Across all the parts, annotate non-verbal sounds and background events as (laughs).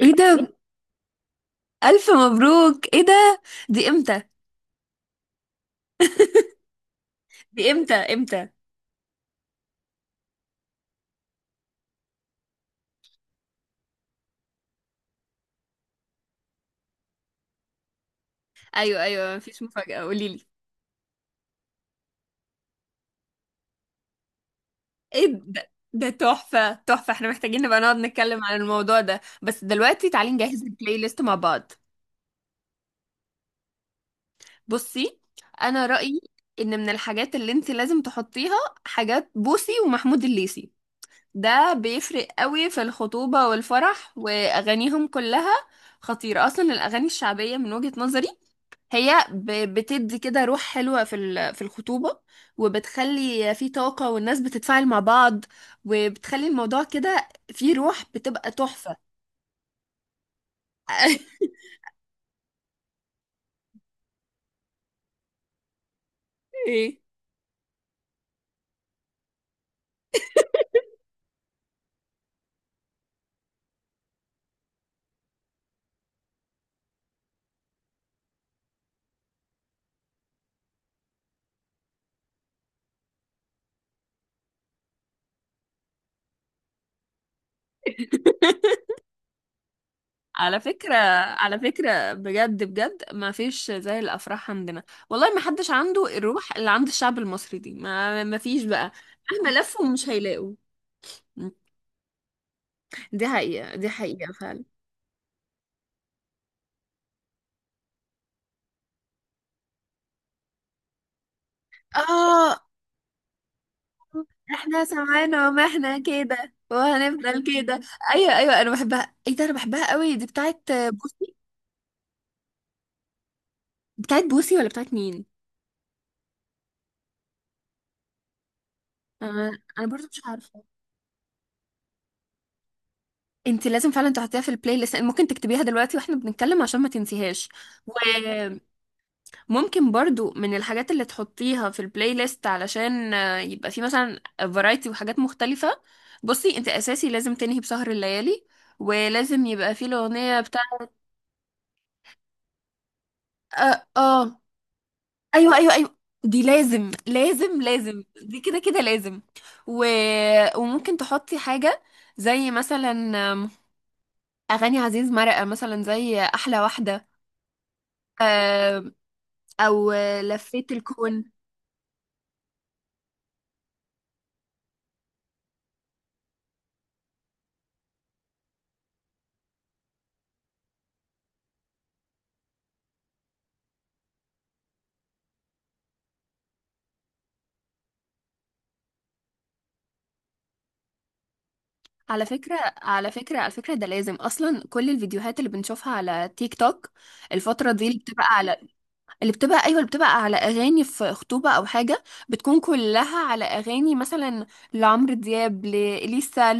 ايه ده (laughs) الف مبروك! ايه ده؟ دي امتى؟ دي امتى امتى؟ ايوه ايوه، مفيش مفاجأة، قولي لي. ايه ده تحفة تحفة، احنا محتاجين نبقى نقعد نتكلم عن الموضوع ده، بس دلوقتي تعالي نجهز البلاي ليست مع بعض. بصي، انا رأيي ان من الحاجات اللي انت لازم تحطيها حاجات بوسي ومحمود الليثي. ده بيفرق قوي في الخطوبة والفرح، واغانيهم كلها خطيرة اصلا. الاغاني الشعبية من وجهة نظري، هي بتدي كده روح حلوة في في الخطوبة، وبتخلي في طاقة، والناس بتتفاعل مع بعض، وبتخلي الموضوع كده فيه روح بتبقى تحفة. (laughs) ايه، على فكرة، على فكرة، بجد بجد ما فيش زي الأفراح عندنا. والله ما حدش عنده الروح اللي عند الشعب المصري دي، ما فيش بقى. مهما لفوا مش هيلاقوا. دي حقيقة، دي حقيقة فعلا. اه، احنا سمعنا ومحنا كده وهنفضل كده. ايوه ايوه، انا بحبها، ايه ده، انا بحبها قوي، دي بتاعت بوسي. بتاعت بوسي ولا بتاعت مين؟ انا برضو مش عارفه. انت لازم فعلا تحطيها في البلاي ليست، ممكن تكتبيها دلوقتي واحنا بنتكلم عشان ما تنسيهاش. وممكن برضو، من الحاجات اللي تحطيها في البلاي ليست علشان يبقى في مثلا فرايتي وحاجات مختلفه. بصي، انت اساسي لازم تنهي بسهر الليالي، ولازم يبقى في الاغنيه بتاعت اه, آه. ايوه ايوه ايوه، دي لازم لازم لازم، دي كده كده لازم. و... وممكن تحطي حاجه، زي مثلا آم، اغاني عزيز مرقه، مثلا زي احلى واحده، آم، او لفيت الكون. على فكره، على فكره، على فكره، ده لازم اصلا، كل الفيديوهات اللي بنشوفها على تيك توك الفتره دي اللي بتبقى على، اللي بتبقى ايوه، اللي بتبقى على اغاني في خطوبه او حاجه، بتكون كلها على اغاني مثلا لعمرو دياب، لإليسا.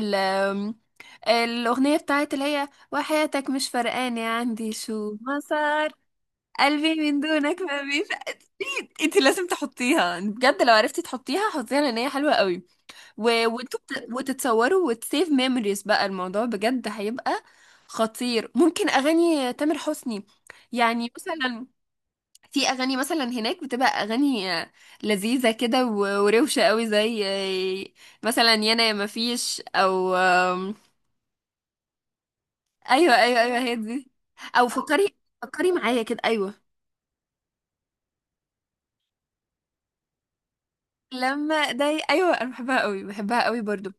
الأغنية بتاعت اللي هي: وحياتك مش فرقاني عندي شو ما صار، قلبي من دونك ما بيفقد. انت لازم تحطيها بجد، لو عرفتي تحطيها حطيها، لان هي حلوة قوي. و... وانتوا وتتصوروا وتسيف ميموريز، بقى الموضوع بجد هيبقى خطير. ممكن أغاني تامر حسني، يعني مثلا، في أغاني مثلا هناك بتبقى أغاني لذيذة كده و- وروشة قوي، زي مثلا يانا يا مفيش، أو ايوه ايوه ايوه، هي دي. او فكري فكري معايا كده، ايوه. لما ده، ايوه، انا بحبها قوي بحبها قوي برضو.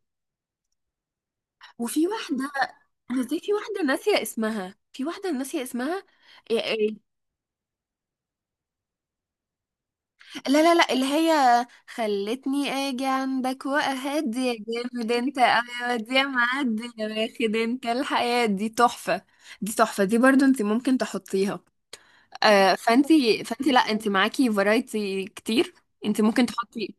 وفي واحده، انا زي في واحده ناسيه اسمها، في واحده ناسيه اسمها، إيه إيه. لا لا لا، اللي هي: خلتني اجي عندك واهدي يا جامد انت، ايوه دي، يا معدي يا واخد انت الحياه، دي تحفه، دي تحفه، دي برضو انت ممكن تحطيها. فانت فانت لا انت معاكي فرايتي كتير، انت ممكن تحطي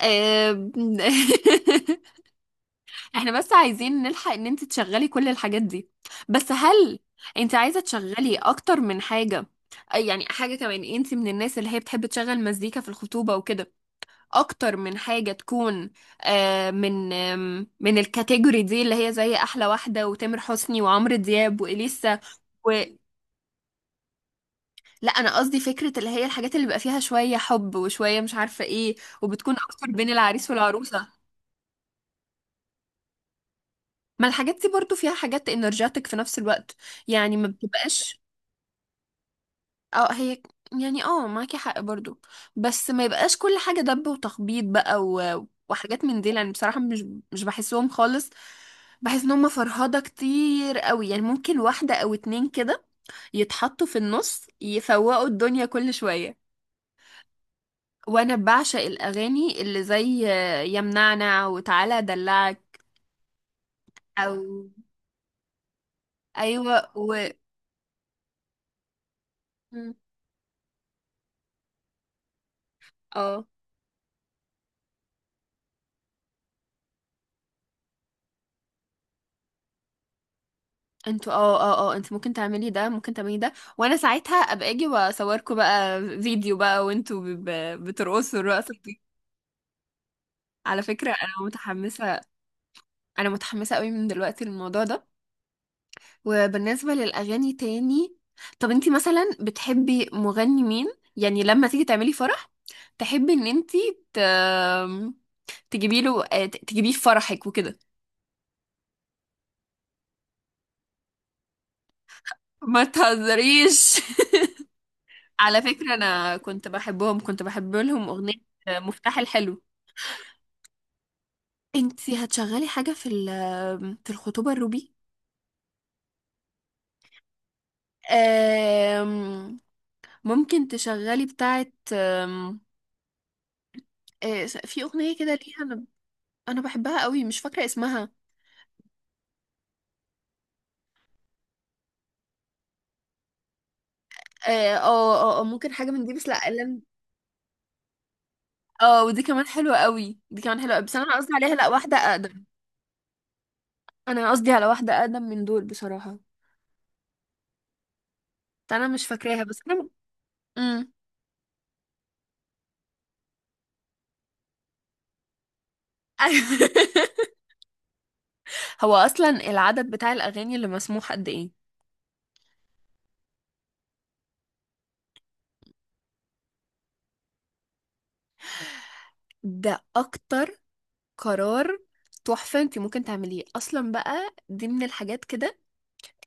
آه، (laughs) احنا بس عايزين نلحق ان انت تشغلي كل الحاجات دي، بس هل انت عايزة تشغلي اكتر من حاجة؟ يعني حاجة كمان، انت من الناس اللي هي بتحب تشغل مزيكا في الخطوبة وكده، اكتر من حاجة، تكون من من الكاتيجوري دي اللي هي زي احلى واحدة وتامر حسني وعمرو دياب وإليسا. و... لا، انا قصدي فكرة اللي هي: الحاجات اللي بيبقى فيها شوية حب وشوية مش عارفة ايه، وبتكون اكتر بين العريس والعروسة. ما الحاجات دي برضو فيها حاجات انرجاتك في نفس الوقت، يعني ما بتبقاش. اه هي، يعني اه، معاكي حق برضو، بس ما يبقاش كل حاجة دب وتخبيط بقى و... وحاجات من دي، لان بصراحة مش بحسهم خالص. بحس ان هم فرهضة كتير قوي، يعني ممكن واحدة او اتنين كده يتحطوا في النص يفوقوا الدنيا كل شوية. وانا بعشق الاغاني اللي زي يمنعنا، وتعالى ادلعك، او، ايوه، و مم. اه، انتوا، اه اه اه، انت ممكن تعملي ده، ممكن تعملي ده، وانا ساعتها ابقى اجي واصوركم بقى فيديو بقى، وانتوا بترقصوا الرقصه دي. على فكره، انا متحمسه، انا متحمسه قوي من دلوقتي للموضوع ده. وبالنسبه للاغاني تاني، طب انت مثلا بتحبي مغني مين يعني، لما تيجي تعملي فرح، تحبي ان انت ت... تجيبي له، تجيبيه في فرحك وكده. ما تهزريش. (laughs) على فكره، انا كنت بحب لهم اغنيه: مفتاح الحلو. انتي هتشغلي حاجة في الخطوبة، الروبي؟ آم، ممكن تشغلي بتاعة آم، آه، في أغنية كده ليها، أنا بحبها قوي، مش فاكرة اسمها. اه اه، ممكن حاجة من دي، بس لا اه، ودي كمان حلوة قوي، دي كمان حلوة قوي. بس أنا قصدي عليها لا، واحدة أقدم. أنا قصدي على واحدة أقدم من دول بصراحة، أنا مش فاكراها، بس أنا مم. (laughs) هو أصلا العدد بتاع الأغاني اللي مسموح قد إيه؟ ده أكتر. قرار تحفة انت ممكن تعمليه اصلا بقى، دي من الحاجات كده،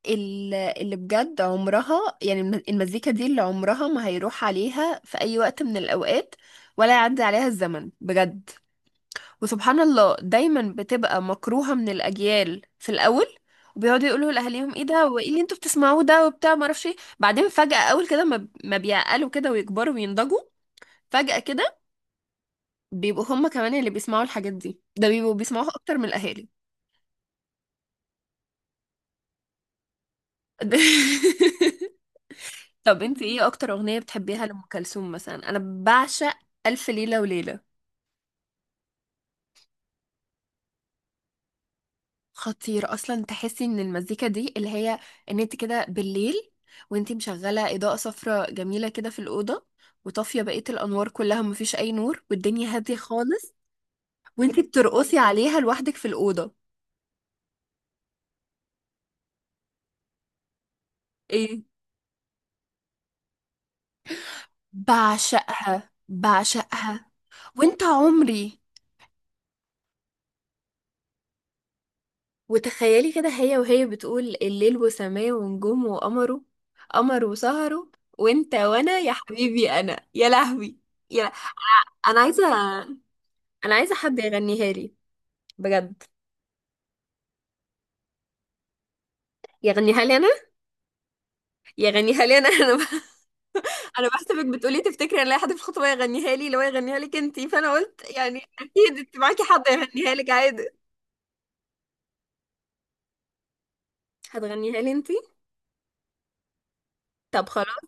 اللي بجد عمرها، يعني المزيكا دي اللي عمرها ما هيروح عليها في اي وقت من الاوقات، ولا يعدي عليها الزمن بجد. وسبحان الله دايما بتبقى مكروهة من الاجيال في الاول، وبيقعدوا يقولوا لاهاليهم ايه ده وايه اللي انتوا بتسمعوه ده وبتاع، ما اعرفش ايه. بعدين فجأة، اول كده ما بيعقلوا كده ويكبروا وينضجوا، فجأة كده بيبقوا هم كمان اللي بيسمعوا الحاجات دي، ده بيبقوا بيسمعوها اكتر من الاهالي. (laughs) طب، انت ايه اكتر اغنية بتحبيها لأم كلثوم مثلا؟ انا بعشق الف ليلة وليلة. خطير اصلا، تحسي ان المزيكا دي اللي هي، ان انت كده بالليل، وانت مشغلة اضاءة صفراء جميلة كده في الأوضة، وطافية بقية الانوار كلها، مفيش اي نور والدنيا هادية خالص، وانت بترقصي عليها لوحدك في الأوضة. ايه؟ بعشقها بعشقها، وانت عمري. وتخيلي كده هي وهي بتقول: الليل وسماه ونجوم وقمره، قمر وسهره، وانت وانا يا حبيبي، انا يا لهوي، يا له... انا عايزه، انا عايزه حد يغنيها لي، بجد. يغنيها لي انا، يغنيها لي انا. (laughs) انا انا بحسبك بتقولي تفتكري ان لاقي حد في الخطوه يغنيها لي، لو يغنيها لك انتي، فانا قلت يعني اكيد انت معاكي حد يغنيها لك عادي. هتغنيها لي انتي؟ طب خلاص.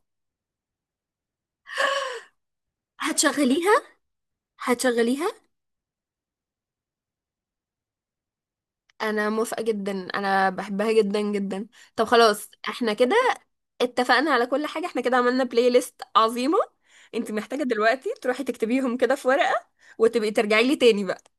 هتشغليها، هتشغليها. انا موافقة جدا، انا بحبها جدا جدا. طب خلاص، احنا كده اتفقنا على كل حاجة، احنا كده عملنا بلاي ليست عظيمة. انت محتاجة دلوقتي تروحي تكتبيهم كده في ورقة، وتبقي ترجعي لي تاني بقى.